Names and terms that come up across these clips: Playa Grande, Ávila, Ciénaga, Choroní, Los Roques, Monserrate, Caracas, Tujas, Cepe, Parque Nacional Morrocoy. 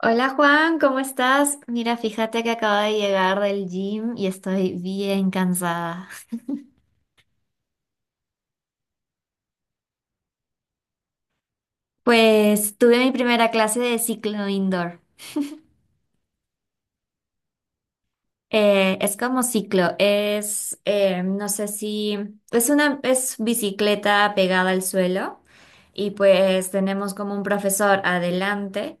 Hola Juan, ¿cómo estás? Mira, fíjate que acabo de llegar del gym y estoy bien cansada. Pues tuve mi primera clase de ciclo indoor. Es como ciclo, no sé si, es una, es bicicleta pegada al suelo, y pues tenemos como un profesor adelante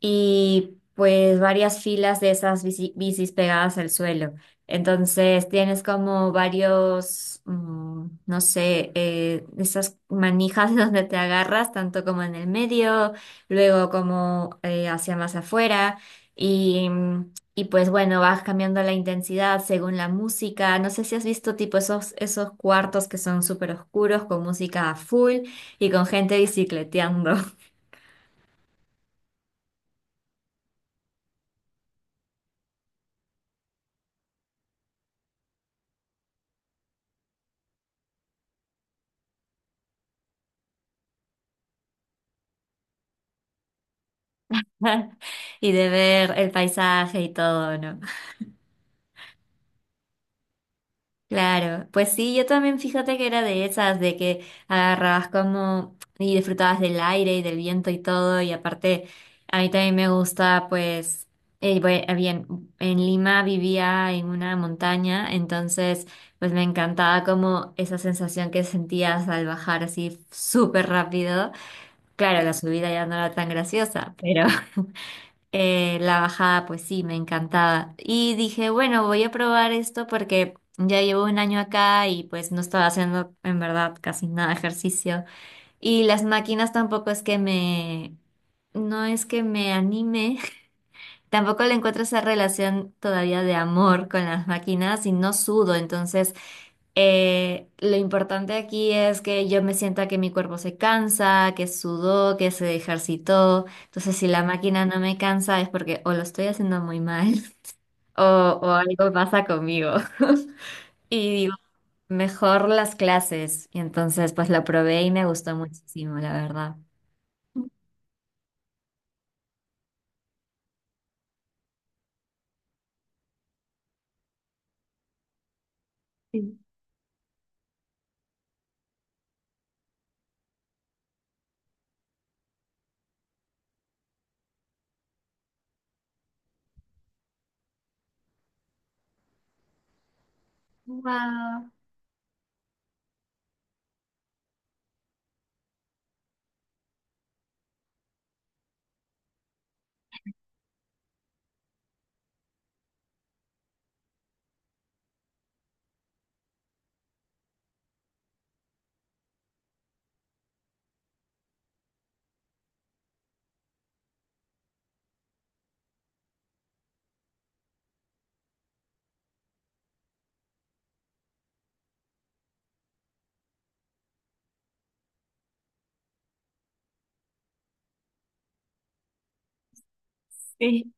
y pues varias filas de esas bicis pegadas al suelo. Entonces tienes como varios, no sé, esas manijas donde te agarras, tanto como en el medio, luego como hacia más afuera. Y mm, y pues bueno, vas cambiando la intensidad según la música. No sé si has visto tipo esos, esos cuartos que son súper oscuros con música a full y con gente bicicleteando y de ver el paisaje y todo, ¿no? Claro, pues sí, yo también fíjate que era de esas, de que agarrabas como y disfrutabas del aire y del viento y todo, y aparte a mí también me gusta, pues, bien, en Lima vivía en una montaña, entonces pues me encantaba como esa sensación que sentías al bajar así súper rápido. Claro, la subida ya no era tan graciosa, pero... La bajada, pues sí, me encantaba. Y dije, bueno, voy a probar esto porque ya llevo un año acá y pues no estaba haciendo en verdad casi nada de ejercicio. Y las máquinas tampoco es que me, no es que me anime. Tampoco le encuentro esa relación todavía de amor con las máquinas y no sudo, entonces lo importante aquí es que yo me sienta que mi cuerpo se cansa, que sudó, que se ejercitó. Entonces si la máquina no me cansa es porque o lo estoy haciendo muy mal o, o algo pasa conmigo. Y digo, mejor las clases, y entonces pues lo probé y me gustó muchísimo, la verdad. Sí. Wow. Sí.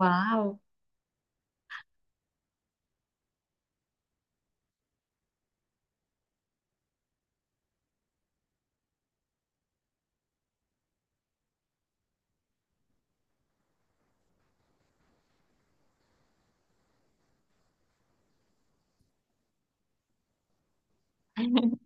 Wow.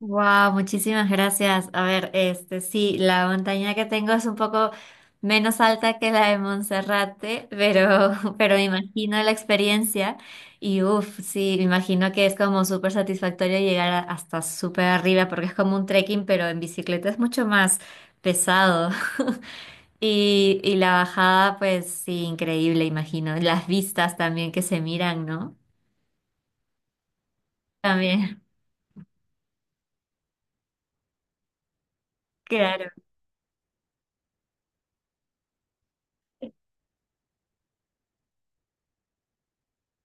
Wow, muchísimas gracias. A ver, este sí, la montaña que tengo es un poco menos alta que la de Monserrate, pero pero me imagino la experiencia y uff, sí, me imagino que es como súper satisfactorio llegar hasta súper arriba porque es como un trekking, pero en bicicleta es mucho más pesado. Y la bajada, pues sí, increíble, imagino. Las vistas también que se miran, ¿no? También, claro.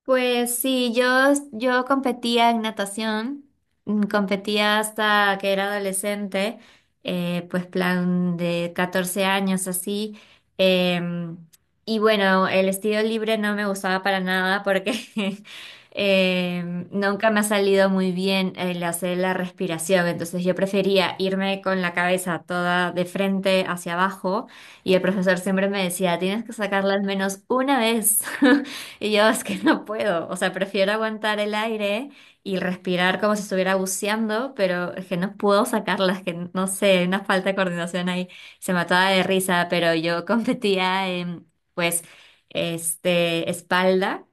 Pues sí, yo competía en natación, competía hasta que era adolescente, pues plan de 14 años así. em, y bueno, el estilo libre no me gustaba para nada porque nunca me ha salido muy bien el hacer la respiración, entonces yo prefería irme con la cabeza toda de frente hacia abajo, y el profesor siempre me decía, tienes que sacarla al menos una vez. Y yo es que no puedo, o sea, prefiero aguantar el aire y respirar como si estuviera buceando, pero es que no puedo sacarlas, que no sé, hay una falta de coordinación ahí, se mataba de risa, pero yo competía en, pues, este, espalda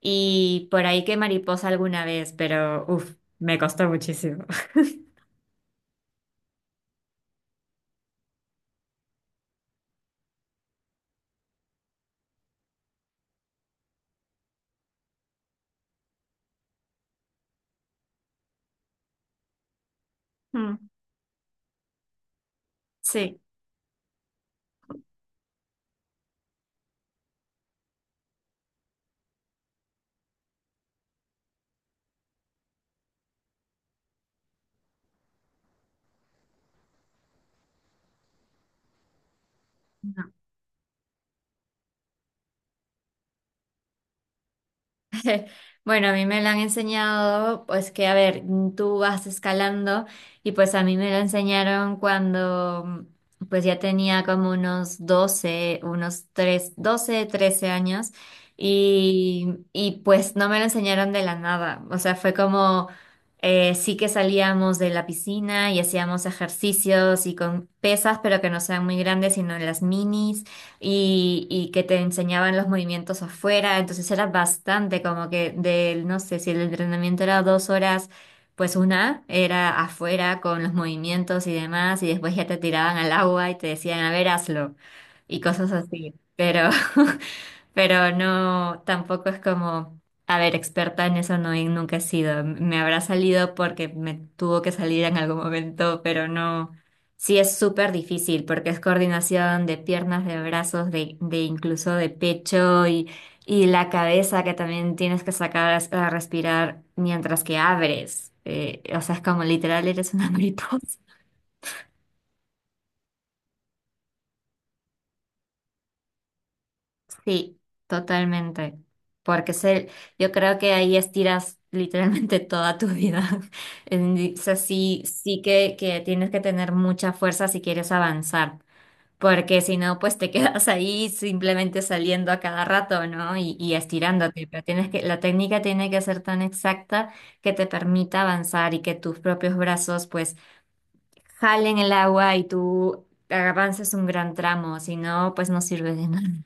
y por ahí que mariposa alguna vez, pero uff, me costó muchísimo. Mm. Sí. Bueno, a mí me lo han enseñado, pues que, a ver, tú vas escalando y pues a mí me lo enseñaron cuando pues ya tenía como unos 12, unos 3, 12, 13 años, y pues no me lo enseñaron de la nada, o sea, fue como sí que salíamos de la piscina y hacíamos ejercicios y con pesas, pero que no sean muy grandes, sino las minis, y que te enseñaban los movimientos afuera, entonces era bastante como que del, no sé, si el entrenamiento era 2 horas, pues una era afuera con los movimientos y demás, y después ya te tiraban al agua y te decían, a ver, hazlo, y cosas así. Pero no, tampoco es como, a ver, experta en eso no, y nunca he sido. Me habrá salido porque me tuvo que salir en algún momento, pero no. Sí es súper difícil porque es coordinación de piernas, de brazos, de incluso de pecho, y la cabeza que también tienes que sacar a respirar mientras que abres. O sea, es como literal eres una mariposa. Sí, totalmente. Porque se, yo creo que ahí estiras literalmente toda tu vida. O sea, sí, que tienes que tener mucha fuerza si quieres avanzar. Porque si no, pues te quedas ahí simplemente saliendo a cada rato, ¿no? Y estirándote. Pero tienes que, la técnica tiene que ser tan exacta que te permita avanzar y que tus propios brazos, pues, jalen el agua y tú avances un gran tramo. Si no, pues no sirve de nada.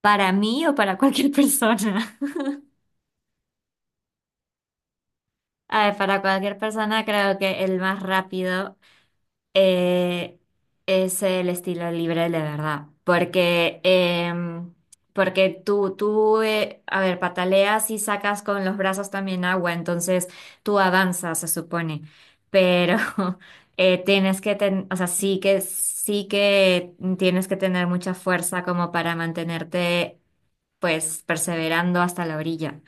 ¿Para mí o para cualquier persona? A ver, para cualquier persona creo que el más rápido eh, es el estilo libre de verdad, porque, porque tú a ver, pataleas y sacas con los brazos también agua, entonces tú avanzas, se supone, pero o sea, sí que tienes que tener mucha fuerza como para mantenerte, pues, perseverando hasta la orilla.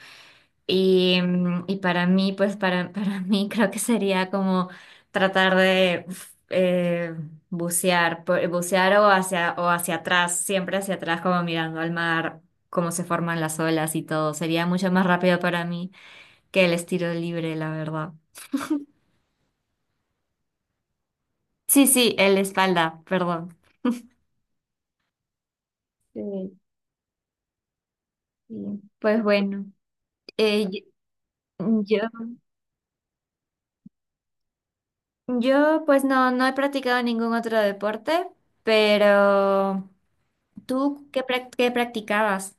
Y, y para mí, pues para mí creo que sería como tratar de uf, bucear, bucear o hacia atrás, siempre hacia atrás, como mirando al mar, cómo se forman las olas y todo. Sería mucho más rápido para mí que el estilo libre, la verdad. Sí, sí, el espalda, perdón. Sí, sí. Pues bueno, eh, yo, yo, yo, pues no, no he practicado ningún otro deporte, pero... ¿Tú qué, qué practicabas?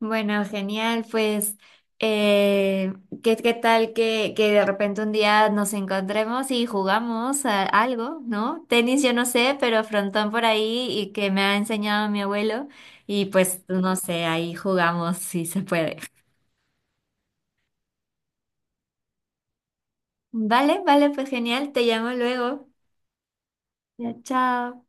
Bueno, genial, pues eh, ¿qué, qué tal que de repente un día nos encontremos y jugamos a algo, ¿no? Tenis yo no sé, pero frontón por ahí y que me ha enseñado mi abuelo y pues no sé, ahí jugamos si se puede. Vale, vale, pues genial, te llamo luego. Ya, chao.